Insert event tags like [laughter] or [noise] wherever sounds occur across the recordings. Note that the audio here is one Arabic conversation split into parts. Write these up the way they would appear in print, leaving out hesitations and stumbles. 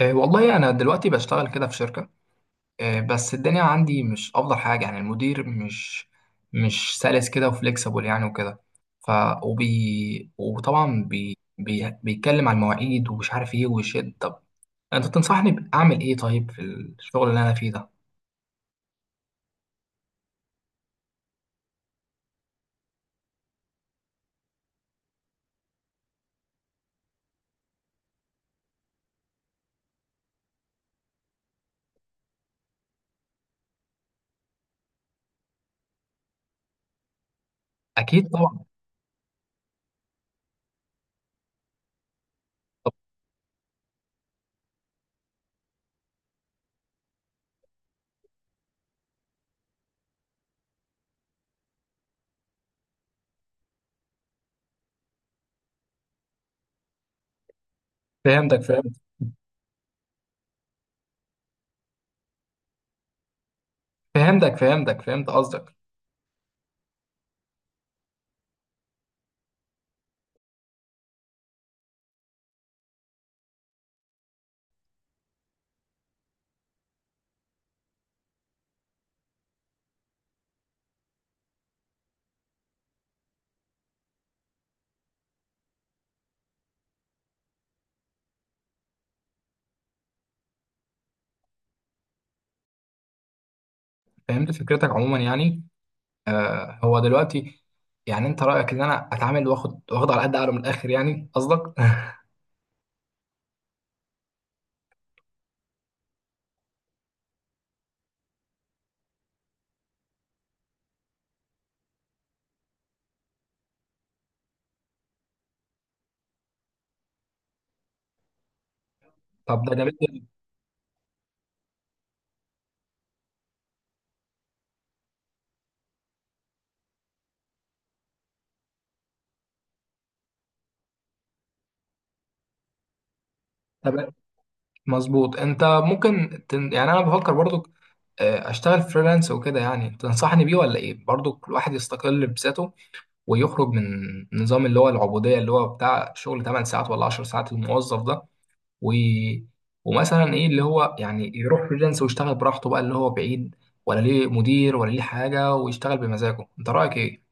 والله أنا دلوقتي بشتغل كده في شركة. بس الدنيا عندي مش أفضل حاجة، يعني المدير مش سلس كده وفليكسبل يعني وكده. ف وطبعا بي بي بيتكلم عن المواعيد ومش عارف إيه ويشد. طب أنت تنصحني أعمل إيه طيب في الشغل اللي أنا فيه ده؟ أكيد طبعا. فهمت. فهمت قصدك. فهمت فكرتك عموما يعني. هو دلوقتي يعني أنت رأيك إن أنا أتعامل وآخد على قد عقله من الآخر يعني قصدك؟ [laughs] طب ده جميل جدا. طب مظبوط. انت ممكن يعني انا بفكر برضو، اشتغل فريلانس وكده، يعني تنصحني بيه ولا ايه؟ برضو الواحد يستقل بذاته ويخرج من نظام اللي هو العبودية، اللي هو بتاع شغل 8 ساعات ولا 10 ساعات الموظف ده و... ومثلا ايه اللي هو يعني يروح فريلانس ويشتغل براحته بقى، اللي هو بعيد ولا ليه مدير ولا ليه حاجة ويشتغل بمزاجه. انت رأيك ايه؟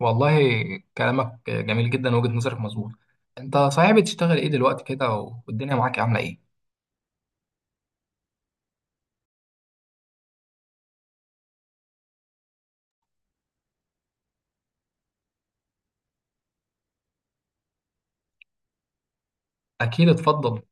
والله كلامك جميل جدا، وجهة نظرك مظبوط. انت صحيح بتشتغل ايه دلوقتي كده؟ والدنيا معاك عاملة ايه؟ اكيد، اتفضل.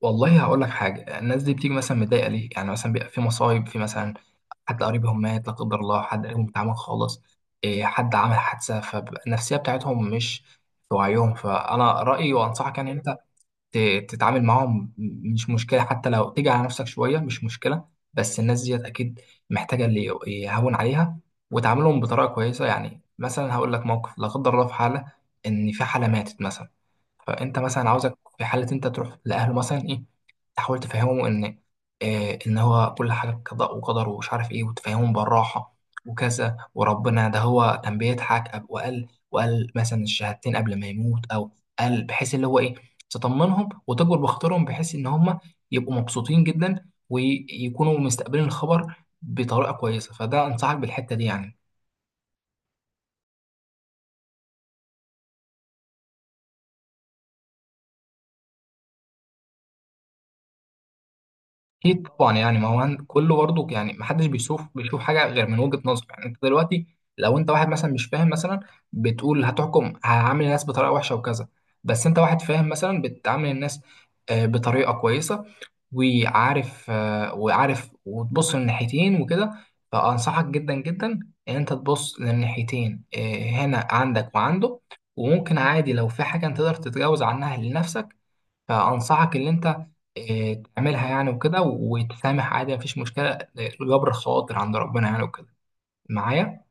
والله هقول لك حاجه. الناس دي بتيجي مثلا متضايقه ليه؟ يعني مثلا بيبقى في مصايب، في مثلا حد قريبهم مات لا قدر الله، حد قريبهم اتعمل خالص إيه، حد عمل حادثه، فالنفسيه بتاعتهم مش في وعيهم. فانا رايي وانصحك يعني انت تتعامل معاهم، مش مشكلة حتى لو تيجي على نفسك شوية، مش مشكلة. بس الناس ديت أكيد محتاجة اللي يهون عليها، وتعاملهم بطريقة كويسة. يعني مثلا هقول لك موقف لا قدر الله، في حالة إن في حالة ماتت مثلا، فأنت مثلا عاوزك في حالة أنت تروح لأهله مثلا إيه، تحاول تفهمهم إن إيه إن هو كل حاجة قضاء وقدر، ومش عارف إيه، وتفهمهم بالراحة وكذا وربنا، ده هو كان بيضحك وقال مثلا الشهادتين قبل ما يموت، أو قال، بحيث اللي هو إيه تطمنهم وتجبر بخاطرهم، بحيث ان هم يبقوا مبسوطين جدا ويكونوا مستقبلين الخبر بطريقه كويسه. فده انصحك بالحته دي يعني. اكيد طبعا، يعني ما هو كله برضه يعني، ما حدش بيشوف حاجه غير من وجهه نظره. يعني انت دلوقتي لو انت واحد مثلا مش فاهم مثلا، بتقول هتحكم هعامل الناس بطريقه وحشه وكذا. بس انت واحد فاهم مثلا، بتعامل الناس بطريقه كويسه، وعارف، وعارف وتبص للناحيتين وكده. فانصحك جدا جدا ان انت تبص للناحيتين، هنا عندك وعنده. وممكن عادي لو في حاجه انت تقدر تتجاوز عنها لنفسك، فأنصحك إن أنت تعملها يعني وكده وتسامح عادي، مفيش مشكلة. جبر خواطر عند ربنا يعني وكده معايا.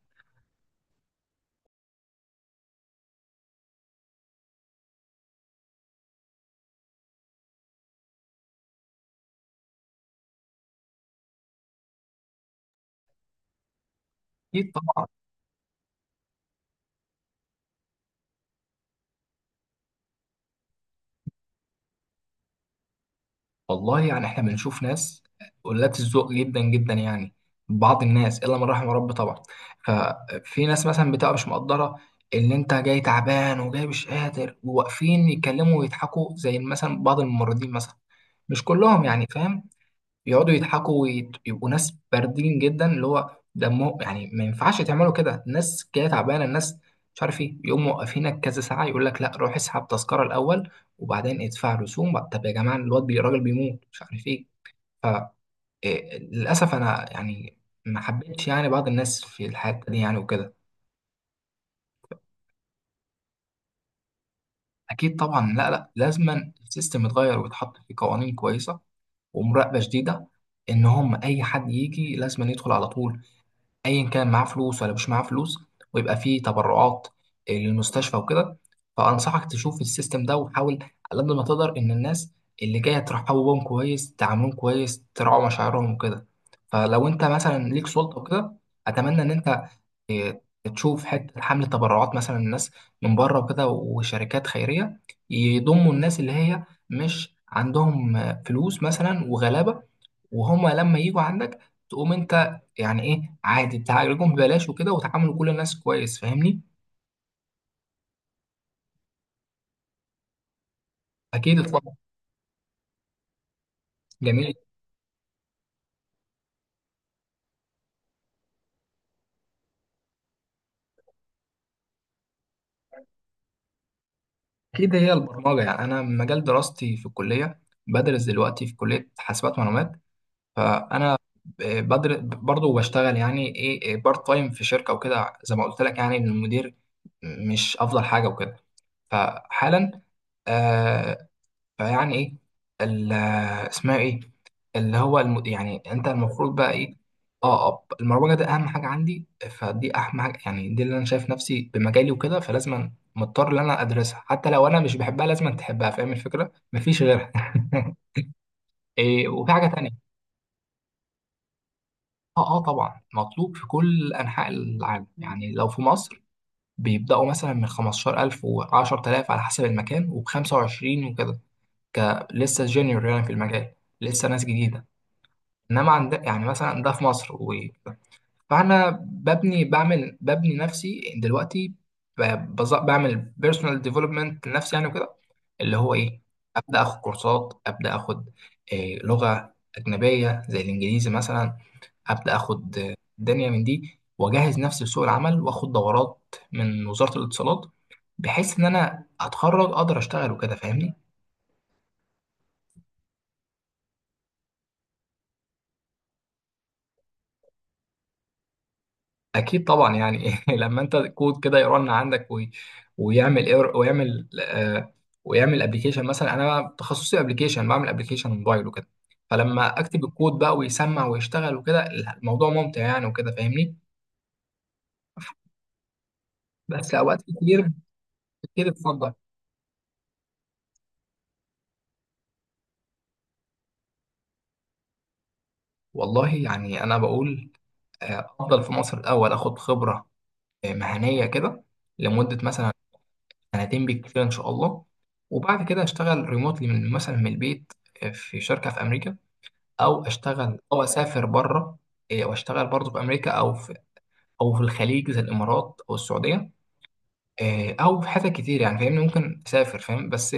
أكيد طبعا. والله يعني إحنا بنشوف ناس قلات الذوق جدا جدا يعني، بعض الناس إلا من رحم ربي طبعا. ففي ناس مثلا بتبقى مش مقدرة إن أنت جاي تعبان وجاي مش قادر، وواقفين يتكلموا ويضحكوا زي مثلا بعض الممرضين مثلا، مش كلهم يعني، فاهم. يقعدوا يضحكوا ويبقوا ناس باردين جدا، اللي هو دمه يعني. ما ينفعش تعملوا كده، الناس جايه تعبانه، الناس مش عارف ايه، يقوم موقفينك كذا ساعه يقول لك لا روح اسحب تذكره الاول وبعدين ادفع رسوم بقى. طب يا جماعه الواد الراجل بيموت، مش عارف ايه. فللاسف انا يعني ما حبيتش يعني بعض الناس في الحته دي يعني وكده. اكيد طبعا. لا لا، لازما السيستم يتغير ويتحط في قوانين كويسه ومراقبه شديده، ان هم اي حد يجي لازما يدخل على طول ايا كان معاه فلوس ولا مش معاه فلوس، ويبقى فيه تبرعات للمستشفى وكده. فانصحك تشوف السيستم ده وحاول على قد ما تقدر ان الناس اللي جايه ترحبوا بهم كويس، تعاملهم كويس، تراعوا مشاعرهم وكده. فلو انت مثلا ليك سلطه وكده، اتمنى ان انت تشوف حته حمله تبرعات مثلا، الناس من بره وكده وشركات خيريه، يضموا الناس اللي هي مش عندهم فلوس مثلا وغلابه. وهم لما يجوا عندك تقوم انت يعني ايه عادي تعالجهم ببلاش وكده وتعاملوا كل الناس كويس. فاهمني؟ اكيد طبعا. جميل. اكيد هي البرمجه. يعني انا مجال دراستي في الكليه، بدرس دلوقتي في كليه حاسبات معلومات. فانا بدرس برضه بشتغل يعني ايه بارت تايم في شركه وكده، زي ما قلت لك، يعني إن المدير مش افضل حاجه وكده. فحالا آه، فيعني ايه ال- اسمها ايه، اللي هو يعني انت المفروض بقى ايه. اه، اب المروجه ده اهم حاجه عندي، فدي اهم حاجه يعني، دي اللي انا شايف نفسي بمجالي وكده، فلازم مضطر ان انا ادرسها حتى لو انا مش بحبها، لازم تحبها. فاهم الفكره، مفيش غيرها. [laughs] إيه، وفي حاجه تانية. اه طبعا مطلوب في كل انحاء العالم، يعني لو في مصر بيبداوا مثلا من 15000 و10000 على حسب المكان، وب 25 وكده، ك لسه جونيور يعني في المجال، لسه ناس جديده. انما عند يعني مثلا ده في مصر فانا ببني، ببني نفسي دلوقتي، ب... بعمل بيرسونال ديفلوبمنت لنفسي يعني وكده، اللي هو ايه، ابدا اخد كورسات، ابدا اخد إيه لغه اجنبيه زي الانجليزي مثلا، ابدا اخد الدنيا من دي، واجهز نفسي لسوق العمل، واخد دورات من وزاره الاتصالات، بحيث ان انا اتخرج اقدر اشتغل وكده. فاهمني؟ اكيد طبعا يعني. [laughs] لما انت كود كده يرن عندك ويعمل اير، ويعمل آه، ويعمل ابلكيشن، مثلا انا تخصصي ابلكيشن، بعمل ابلكيشن موبايل وكده. فلما اكتب الكود بقى ويسمع ويشتغل وكده، الموضوع ممتع يعني وكده، فاهمني. بس اوقات كتير كتير، اتفضل. والله يعني انا بقول افضل في مصر الاول، اخد خبره مهنيه كده لمده مثلا سنتين بالكتير ان شاء الله. وبعد كده اشتغل ريموتلي من مثلا من البيت، في شركه في امريكا، او اشتغل او اسافر بره، إيه، واشتغل برضه في امريكا، او في او في الخليج زي الامارات او السعوديه، إيه، او في حتت كتير يعني. فاهمني؟ ممكن اسافر، فاهم. بس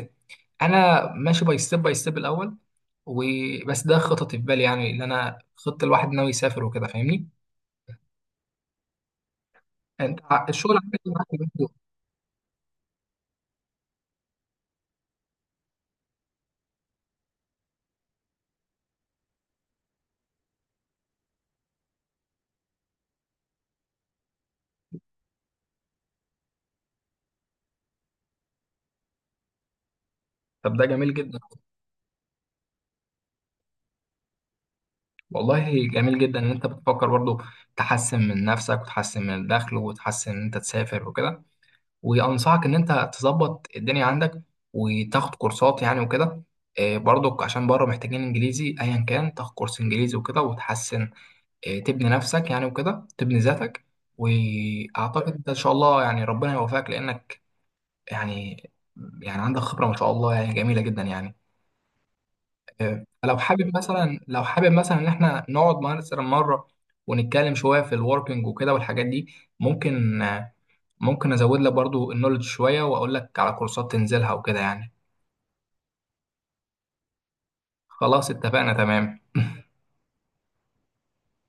انا ماشي باي ستيب باي ستيب الاول، وبس ده خططي في بالي يعني، اللي انا خطه الواحد ناوي يسافر وكده فاهمني. انت الشغل عندك معاك برضه- طب ده جميل جدا. والله جميل جدا ان انت بتفكر برضه تحسن من نفسك وتحسن من الدخل وتحسن ان انت تسافر وكده. وانصحك ان انت تظبط الدنيا عندك وتاخد كورسات يعني وكده، برضك عشان بره محتاجين انجليزي، ايا كان تاخد كورس انجليزي وكده وتحسن، تبني نفسك يعني وكده تبني ذاتك. واعتقد انت ان شاء الله يعني ربنا يوفقك، لانك يعني يعني عندك خبرة ما شاء الله يعني جميلة جدا يعني. لو حابب مثلا، ان احنا نقعد مثلا مره ونتكلم شويه في الوركينج وكده والحاجات دي، ممكن ممكن ازود لك برضو النولج شويه، واقول لك على كورسات تنزلها وكده يعني. خلاص اتفقنا، تمام. [laughs]